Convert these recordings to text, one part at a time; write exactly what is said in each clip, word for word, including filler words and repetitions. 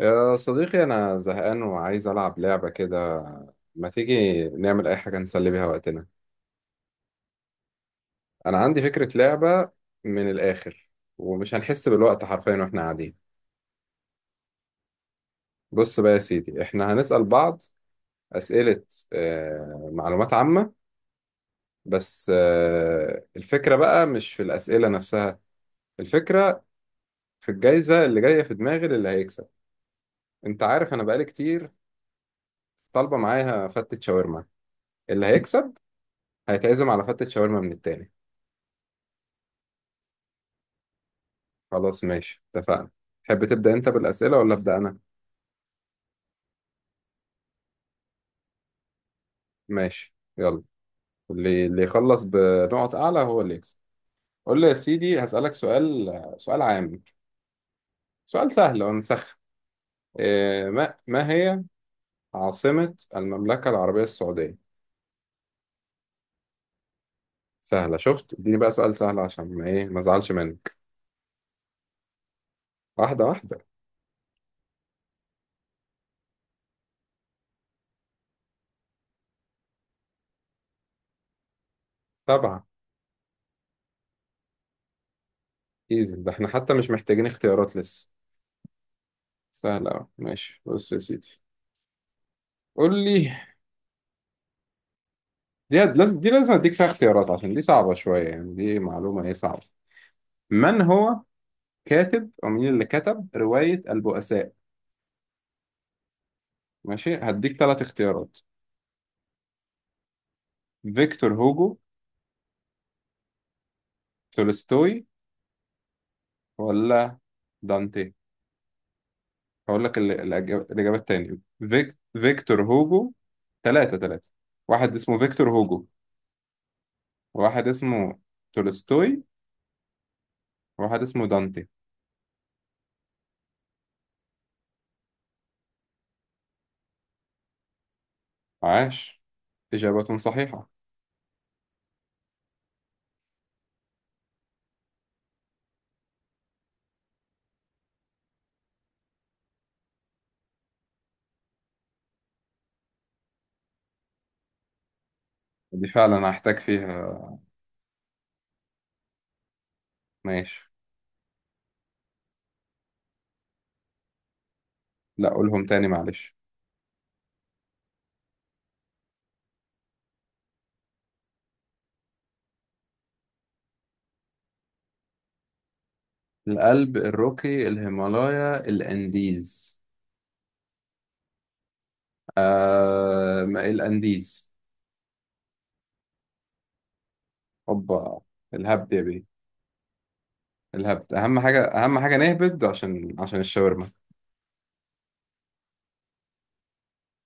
يا صديقي، أنا زهقان وعايز ألعب لعبة كده. ما تيجي نعمل أي حاجة نسلي بيها وقتنا؟ أنا عندي فكرة لعبة، من الآخر، ومش هنحس بالوقت حرفيا وإحنا قاعدين. بص بقى يا سيدي، إحنا هنسأل بعض أسئلة، آه، معلومات عامة. بس آه، الفكرة بقى مش في الأسئلة نفسها، الفكرة في الجايزة اللي جاية في دماغي للي هيكسب. أنت عارف أنا بقالي كتير طالبة معايا فتة شاورما. اللي هيكسب هيتعزم على فتة شاورما من التاني. خلاص ماشي، اتفقنا. تحب تبدأ انت بالأسئلة ولا أبدأ أنا؟ ماشي يلا. اللي اللي يخلص بنقط أعلى هو اللي يكسب. قول لي يا سيدي، هسألك سؤال. سؤال عام، سؤال سهل ونسخن. إيه ما ما هي عاصمة المملكة العربية السعودية؟ سهلة، شفت؟ اديني بقى سؤال سهل عشان ما ايه ما ازعلش منك. واحدة واحدة. سبعة. ايزي، ده احنا حتى مش محتاجين اختيارات لسه. سهلة أوي. ماشي بص يا سيدي، قول لي. دي لازم دي لازم اديك فيها اختيارات عشان دي صعبة شوية، يعني دي معلومة ايه صعبة. من هو كاتب او مين اللي كتب رواية البؤساء؟ ماشي، هديك ثلاث اختيارات: فيكتور هوجو، تولستوي، ولا دانتي؟ هقول لك ال- الأج- الإجابة التانية. فيك... فيكتور هوجو. ثلاثة ثلاثة. واحد اسمه فيكتور هوجو، واحد اسمه تولستوي، واحد اسمه دانتي. عاش، إجابة صحيحة. دي فعلا هحتاج فيها. ماشي. لا قولهم تاني معلش. الألب، الروكي، الهيمالايا، الأنديز. آه، ما الأنديز. هوبا، الهبد يا بيه. الهبد أهم حاجة، أهم حاجة نهبد عشان عشان الشاورما.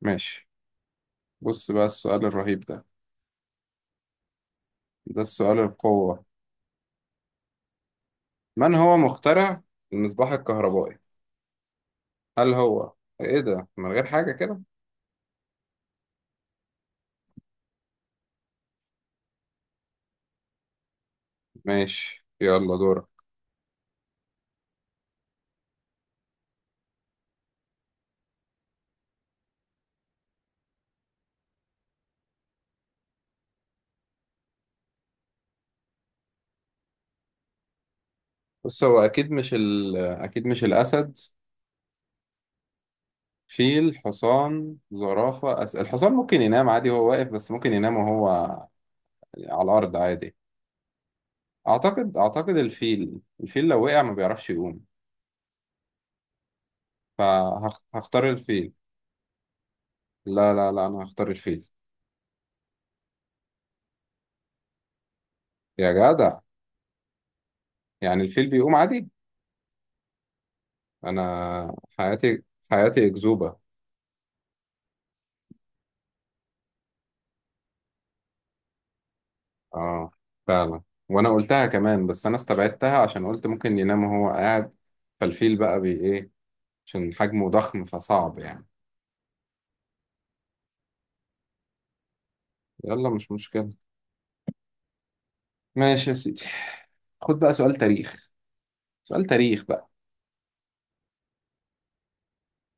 ماشي، بص بقى السؤال الرهيب ده، ده السؤال القوة. من هو مخترع المصباح الكهربائي؟ هل هو إيه ده من غير حاجة كده؟ ماشي يلا دورك. بص، هو أكيد مش ال أكيد مش الأسد. فيل، حصان، زرافة، أس... الحصان ممكن ينام عادي وهو واقف، بس ممكن ينام وهو على الأرض عادي. أعتقد أعتقد الفيل الفيل لو وقع ما بيعرفش يقوم. فهختار الفيل. لا لا لا، أنا هختار الفيل. يا جدع، يعني الفيل بيقوم عادي. أنا حياتي، حياتي أكذوبة. آه، فعلا. وأنا قلتها كمان بس أنا استبعدتها عشان قلت ممكن ينام وهو قاعد. فالفيل بقى بي إيه، عشان حجمه ضخم فصعب يعني. يلا مش مشكلة، ماشي يا سيدي. خد بقى سؤال تاريخ. سؤال تاريخ بقى.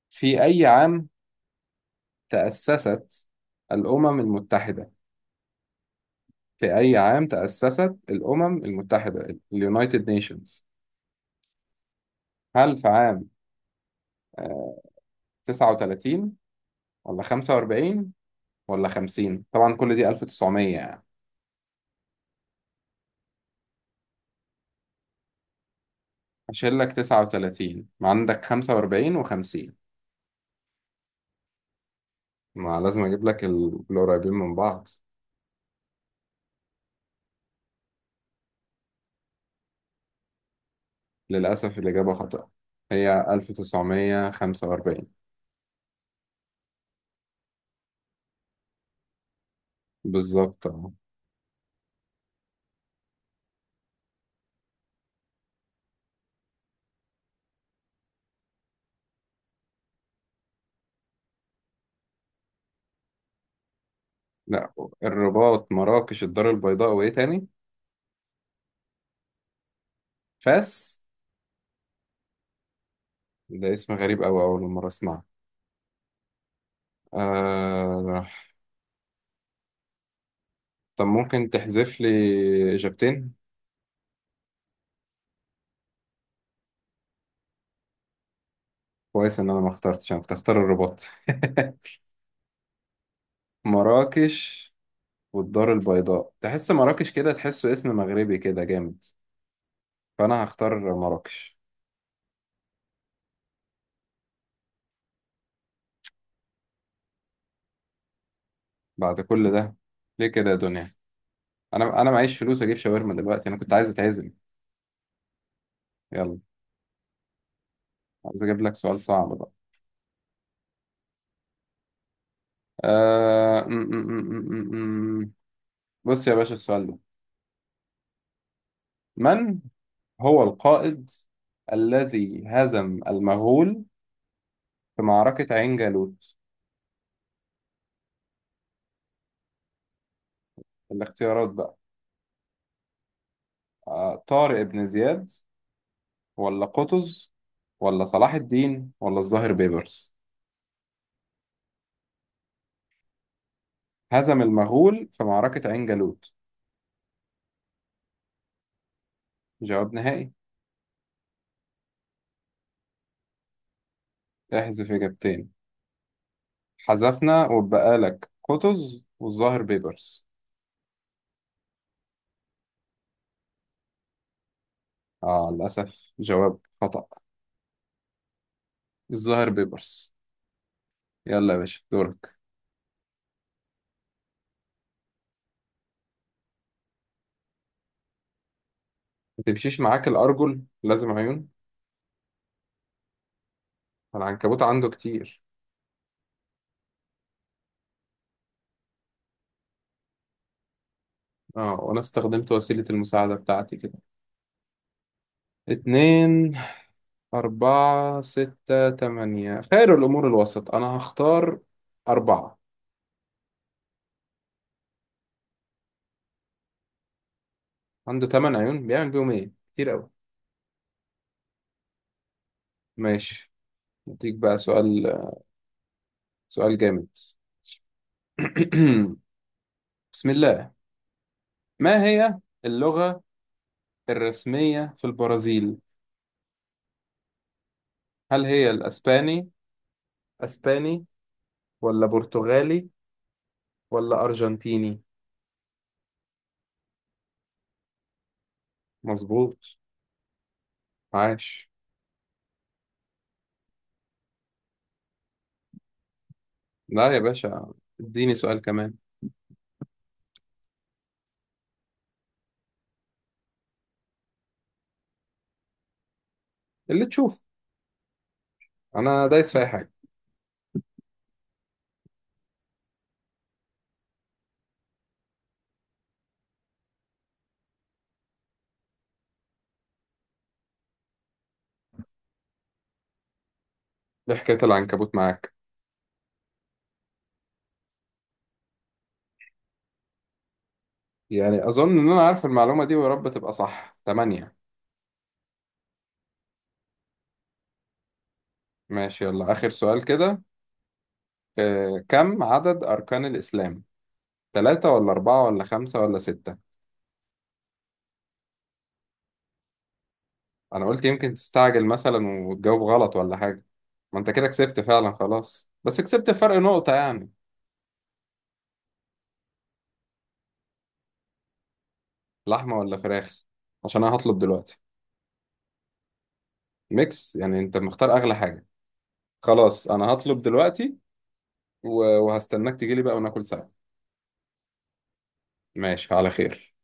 في أي عام تأسست الأمم المتحدة؟ في أي عام تأسست الأمم المتحدة، اليونايتد نيشنز؟ هل في عام تسعة وثلاثين ولا خمسة وأربعين ولا خمسين؟ طبعا كل دي ألف وتسعمية يعني. هشيل لك تسعة وثلاثين، ما عندك خمسة وأربعين و50. ما لازم أجيب لك ال- القريبين من بعض. للأسف الإجابة خطأ، هي ألف وتسعمية وخمسة وأربعين. بالظبط أهو. لا، الرباط، مراكش، الدار البيضاء، وإيه تاني؟ فاس. ده اسم غريب أوي، أول مرة أسمعه. آه... طب ممكن تحذف لي إجابتين؟ كويس إن أنا ما اخترتش، أنا كنت أختار الرباط. مراكش والدار البيضاء، تحس مراكش كده، تحسه اسم مغربي كده جامد. فأنا هختار مراكش. بعد كل ده، ليه كده يا دنيا؟ أنا أنا معيش فلوس أجيب شاورما دلوقتي، أنا كنت عايز أتعزم. يلا، عايز أجيب لك سؤال صعب بقى. آه... م- م- م- م- م- م. بص يا باشا، السؤال ده: من هو القائد الذي هزم المغول في معركة عين جالوت؟ الاختيارات بقى. آه، طارق بن زياد، ولا قطز، ولا صلاح الدين، ولا الظاهر بيبرس؟ هزم المغول في معركة عين جالوت. جواب نهائي. احذف إجابتين. حذفنا، وبقى لك قطز والظاهر بيبرس. آه، للأسف جواب خطأ. الظاهر بيبرس. يلا يا باشا دورك. ما تمشيش معاك الأرجل، لازم عيون. العنكبوت عنده كتير. اه، وانا استخدمت وسيلة المساعدة بتاعتي كده. اتنين، اربعة، ستة، تمانية، خير الامور الوسط، انا هختار اربعة. عنده تمن عيون، بيعمل بيهم ايه كتير اوي. ماشي، اديك بقى سؤال. سؤال جامد. بسم الله. ما هي اللغة الرسمية في البرازيل؟ هل هي الاسباني؟ اسباني ولا برتغالي ولا ارجنتيني؟ مظبوط، عاش. لا يا باشا، اديني سؤال كمان. اللي تشوف، انا دايس في اي حاجه. إيه حكايه العنكبوت معاك؟ يعني اظن ان انا عارف المعلومه دي ويا رب تبقى صح. تمانية. ماشي يلا، اخر سؤال كده. آه، كم عدد اركان الاسلام؟ ثلاثة ولا أربعة ولا خمسة ولا ستة؟ انا قلت يمكن تستعجل مثلا وتجاوب غلط ولا حاجه. ما انت كده كسبت فعلا خلاص، بس كسبت فرق نقطه يعني. لحمه ولا فراخ؟ عشان انا هطلب دلوقتي. ميكس يعني انت مختار اغلى حاجه. خلاص، انا هطلب دلوقتي و- وهستناك تجيلي بقى وناكل سوا. ماشي على خير.